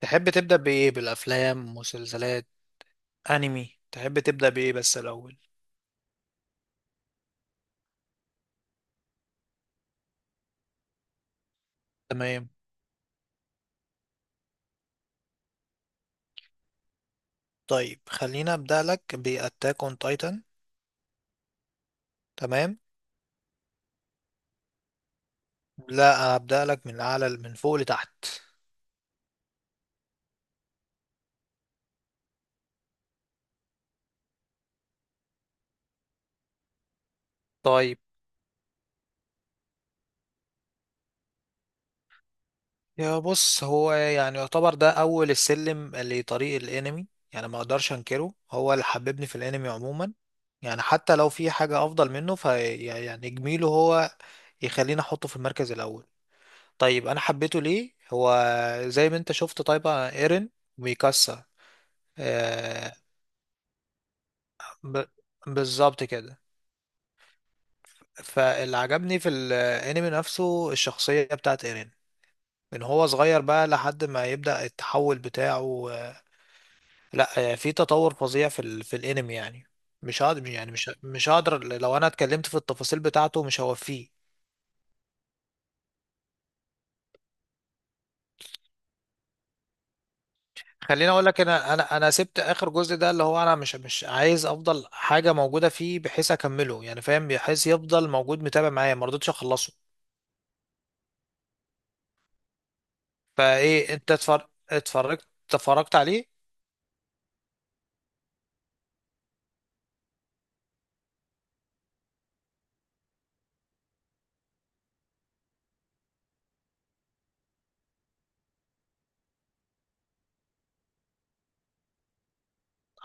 تحب تبدأ بإيه، بالأفلام، مسلسلات، أنمي؟ تحب تبدأ بإيه بس الأول؟ تمام. طيب خلينا أبدأ لك بأتاك أون تايتان. تمام. لا، أبدأ لك من أعلى، من فوق لتحت. طيب. يا بص، هو يعني يعتبر ده أول السلم لطريق الأنمي. يعني ما أقدرش أنكره، هو اللي حببني في الأنمي عموما. يعني حتى لو في حاجة أفضل منه فيعني جميله هو، يخليني أحطه في المركز الأول. طيب انا حبيته ليه هو؟ زي ما انت شفت، طيب ايرين وميكاسا. آه. ب... بالظبط كده. فاللي عجبني في الانمي نفسه الشخصية بتاعت ايرين، من هو صغير بقى لحد ما يبدأ التحول بتاعه. لا، في تطور فظيع في في الانمي يعني. مش هقدر يعني مش هقدر، لو انا اتكلمت في التفاصيل بتاعته مش هوفيه. خليني اقول لك، انا سبت اخر جزء ده، اللي هو انا مش عايز افضل حاجه موجوده فيه بحيث اكمله، يعني فاهم؟ بحيث يفضل موجود متابع معايا، ما رضيتش اخلصه. فايه، انت اتفرجت عليه؟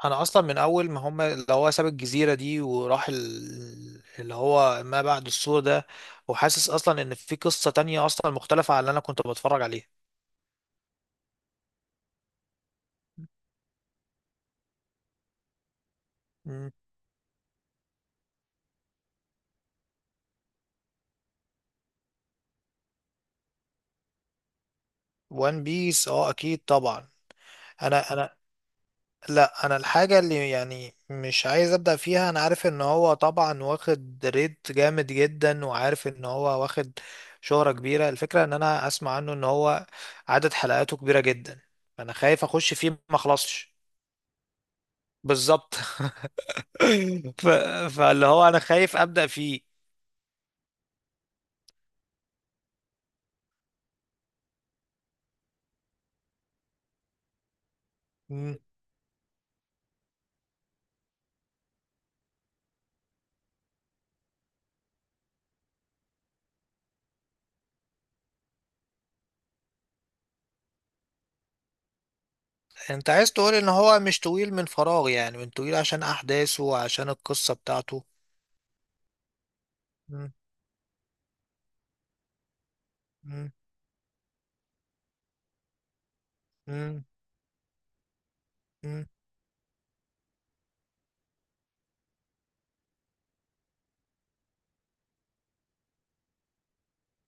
انا اصلا من اول ما هم اللي هو ساب الجزيره دي، وراح اللي هو ما بعد السور ده، وحاسس اصلا ان في قصه تانية اصلا مختلفه عن اللي انا كنت بتفرج عليها. وان بيس اه اكيد طبعا. انا لا، انا الحاجه اللي يعني مش عايز ابدا فيها، انا عارف ان هو طبعا واخد ريت جامد جدا، وعارف ان هو واخد شهره كبيره. الفكره ان انا اسمع عنه ان هو عدد حلقاته كبيره جدا، فانا خايف اخش فيه ما اخلصش. بالظبط. ف... فاللي هو انا خايف ابدا فيه. مم. انت عايز تقول ان هو مش طويل من فراغ، يعني من طويل عشان احداثه وعشان القصه بتاعته. مم. مم. مم.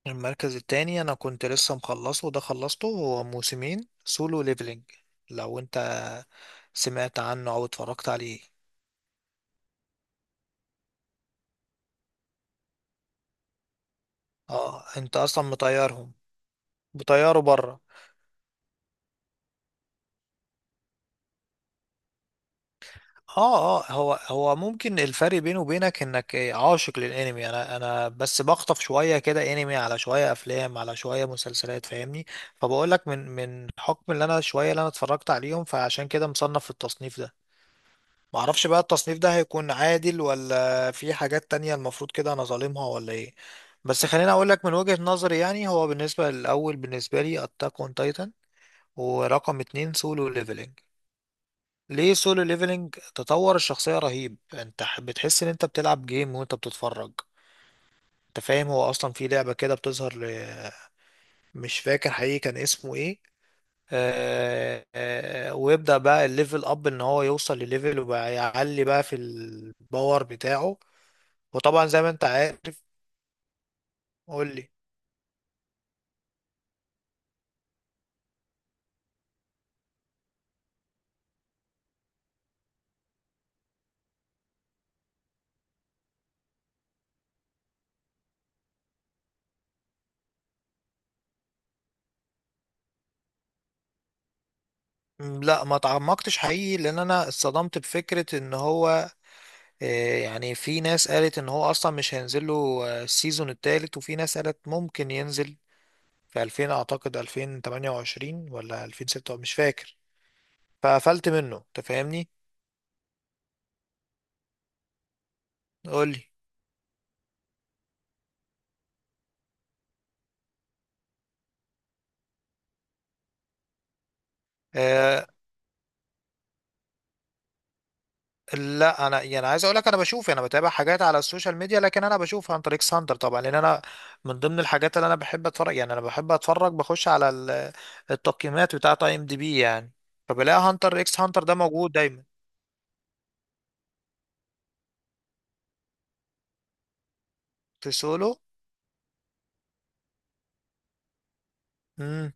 المركز التاني انا كنت لسه مخلصه وده خلصته، هو موسمين سولو ليفلينج. لو انت سمعت عنه او اتفرجت عليه. اه انت اصلا مطيرهم، مطيره بره. اه اه، هو هو ممكن الفرق بينه وبينك انك عاشق للانمي. انا بس بخطف شويه كده، انمي على شويه افلام على شويه مسلسلات، فاهمني؟ فبقول لك من حكم اللي انا شويه، اللي انا اتفرجت عليهم، فعشان كده مصنف في التصنيف ده. معرفش بقى التصنيف ده هيكون عادل ولا في حاجات تانية المفروض كده انا ظالمها ولا ايه. بس خليني اقول لك من وجهة نظري، يعني هو بالنسبة للاول بالنسبة لي اتاك اون تايتن، ورقم اتنين سولو ليفلنج. ليه سولو ليفلنج؟ تطور الشخصية رهيب، انت بتحس ان انت بتلعب جيم وانت بتتفرج. انت فاهم؟ هو اصلا في لعبة كده بتظهر مش فاكر حقيقي كان اسمه ايه. آه آه، ويبدأ بقى الليفل اب ان هو يوصل لليفل، وبقى يعلي بقى في الباور بتاعه. وطبعا زي ما انت عارف. قول لي. لا ما تعمقتش حقيقي، لان انا اتصدمت بفكرة ان هو يعني في ناس قالت ان هو اصلا مش هينزل له السيزون التالت. وفي ناس قالت ممكن ينزل في 2000، اعتقد 2028 ولا 2006 مش فاكر. فقفلت منه، انت فاهمني. قول لي. لا انا يعني عايز اقول لك انا بشوف، يعني انا بتابع حاجات على السوشيال ميديا، لكن انا بشوف عن طريق ساندر طبعا، لان انا من ضمن الحاجات اللي انا بحب اتفرج، يعني انا بحب اتفرج، بخش على التقييمات بتاعه اي ام دي بي يعني. فبلاقي هانتر اكس هانتر ده موجود دايما. في سولو. امم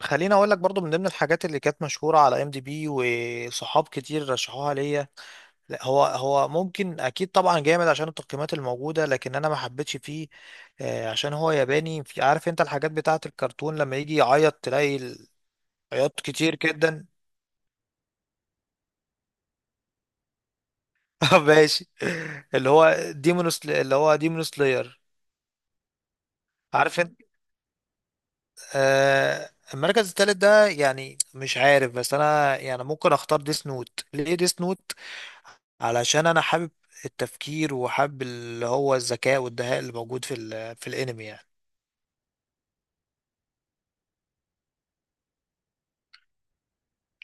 خليني اقول لك برضو من ضمن الحاجات اللي كانت مشهوره على ام دي بي وصحاب كتير رشحوها ليا. لا، هو هو ممكن اكيد طبعا جامد عشان التقييمات الموجوده، لكن انا ما حبيتش فيه، عشان هو ياباني، في عارف انت الحاجات بتاعه الكرتون لما يجي يعيط تلاقي عياط كتير جدا. ماشي. اللي هو ديمونوس اللي هو ديمون سلاير، عارف انت. المركز الثالث ده يعني مش عارف، بس انا يعني ممكن اختار ديس نوت. ليه ديس نوت؟ علشان انا حابب التفكير وحابب اللي هو الذكاء والدهاء اللي موجود في في الانمي يعني.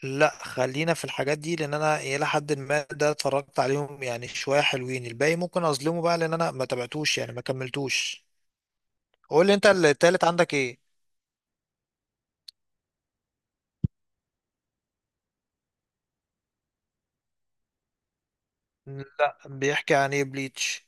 لا خلينا في الحاجات دي، لان انا الى حد ما ده اتفرجت عليهم يعني شويه، حلوين. الباقي ممكن اظلمه بقى لان انا ما تابعتوش، يعني ما كملتوش. قول لي انت التالت عندك ايه. لا بيحكي عن ايه بليتش؟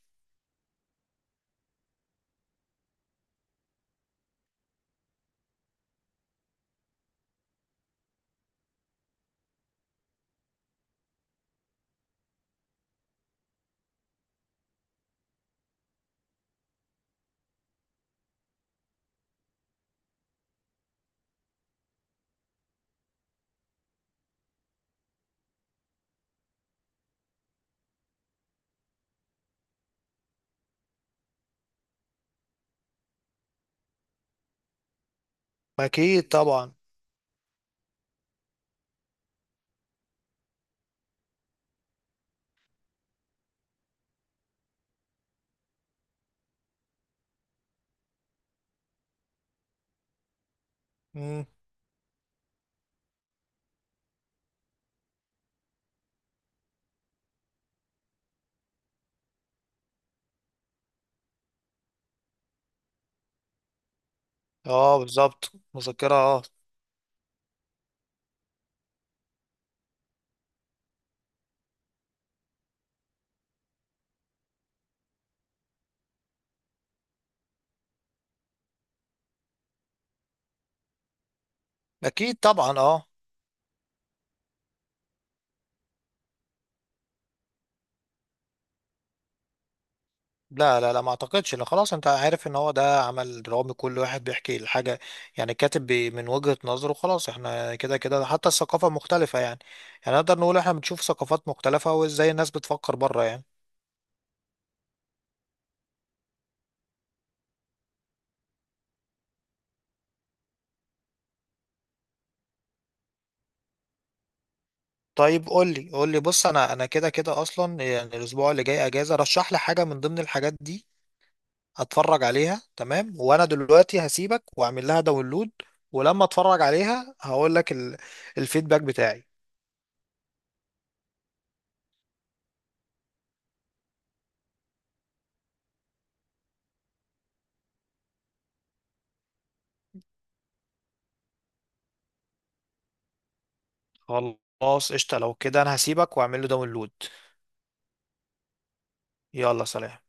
اكيد طبعا. مم. اه بالظبط مذكره اه. اكيد طبعا اه. لا لا لا، ما اعتقدش. لا خلاص، انت عارف ان هو ده عمل درامي، كل واحد بيحكي الحاجة يعني، كاتب من وجهة نظره. خلاص احنا كده كده حتى الثقافة مختلفة يعني، يعني نقدر نقول احنا بنشوف ثقافات مختلفة وازاي الناس بتفكر بره يعني. طيب قول لي، قول لي بص، انا انا كده كده اصلا، يعني الاسبوع اللي جاي اجازة، رشح لي حاجة من ضمن الحاجات دي اتفرج عليها. تمام، وانا دلوقتي هسيبك واعمل لها داونلود. ولما اتفرج عليها هقول لك الفيدباك بتاعي. خلاص قشطة. لو كده انا هسيبك واعمل له داونلود. يلا سلام.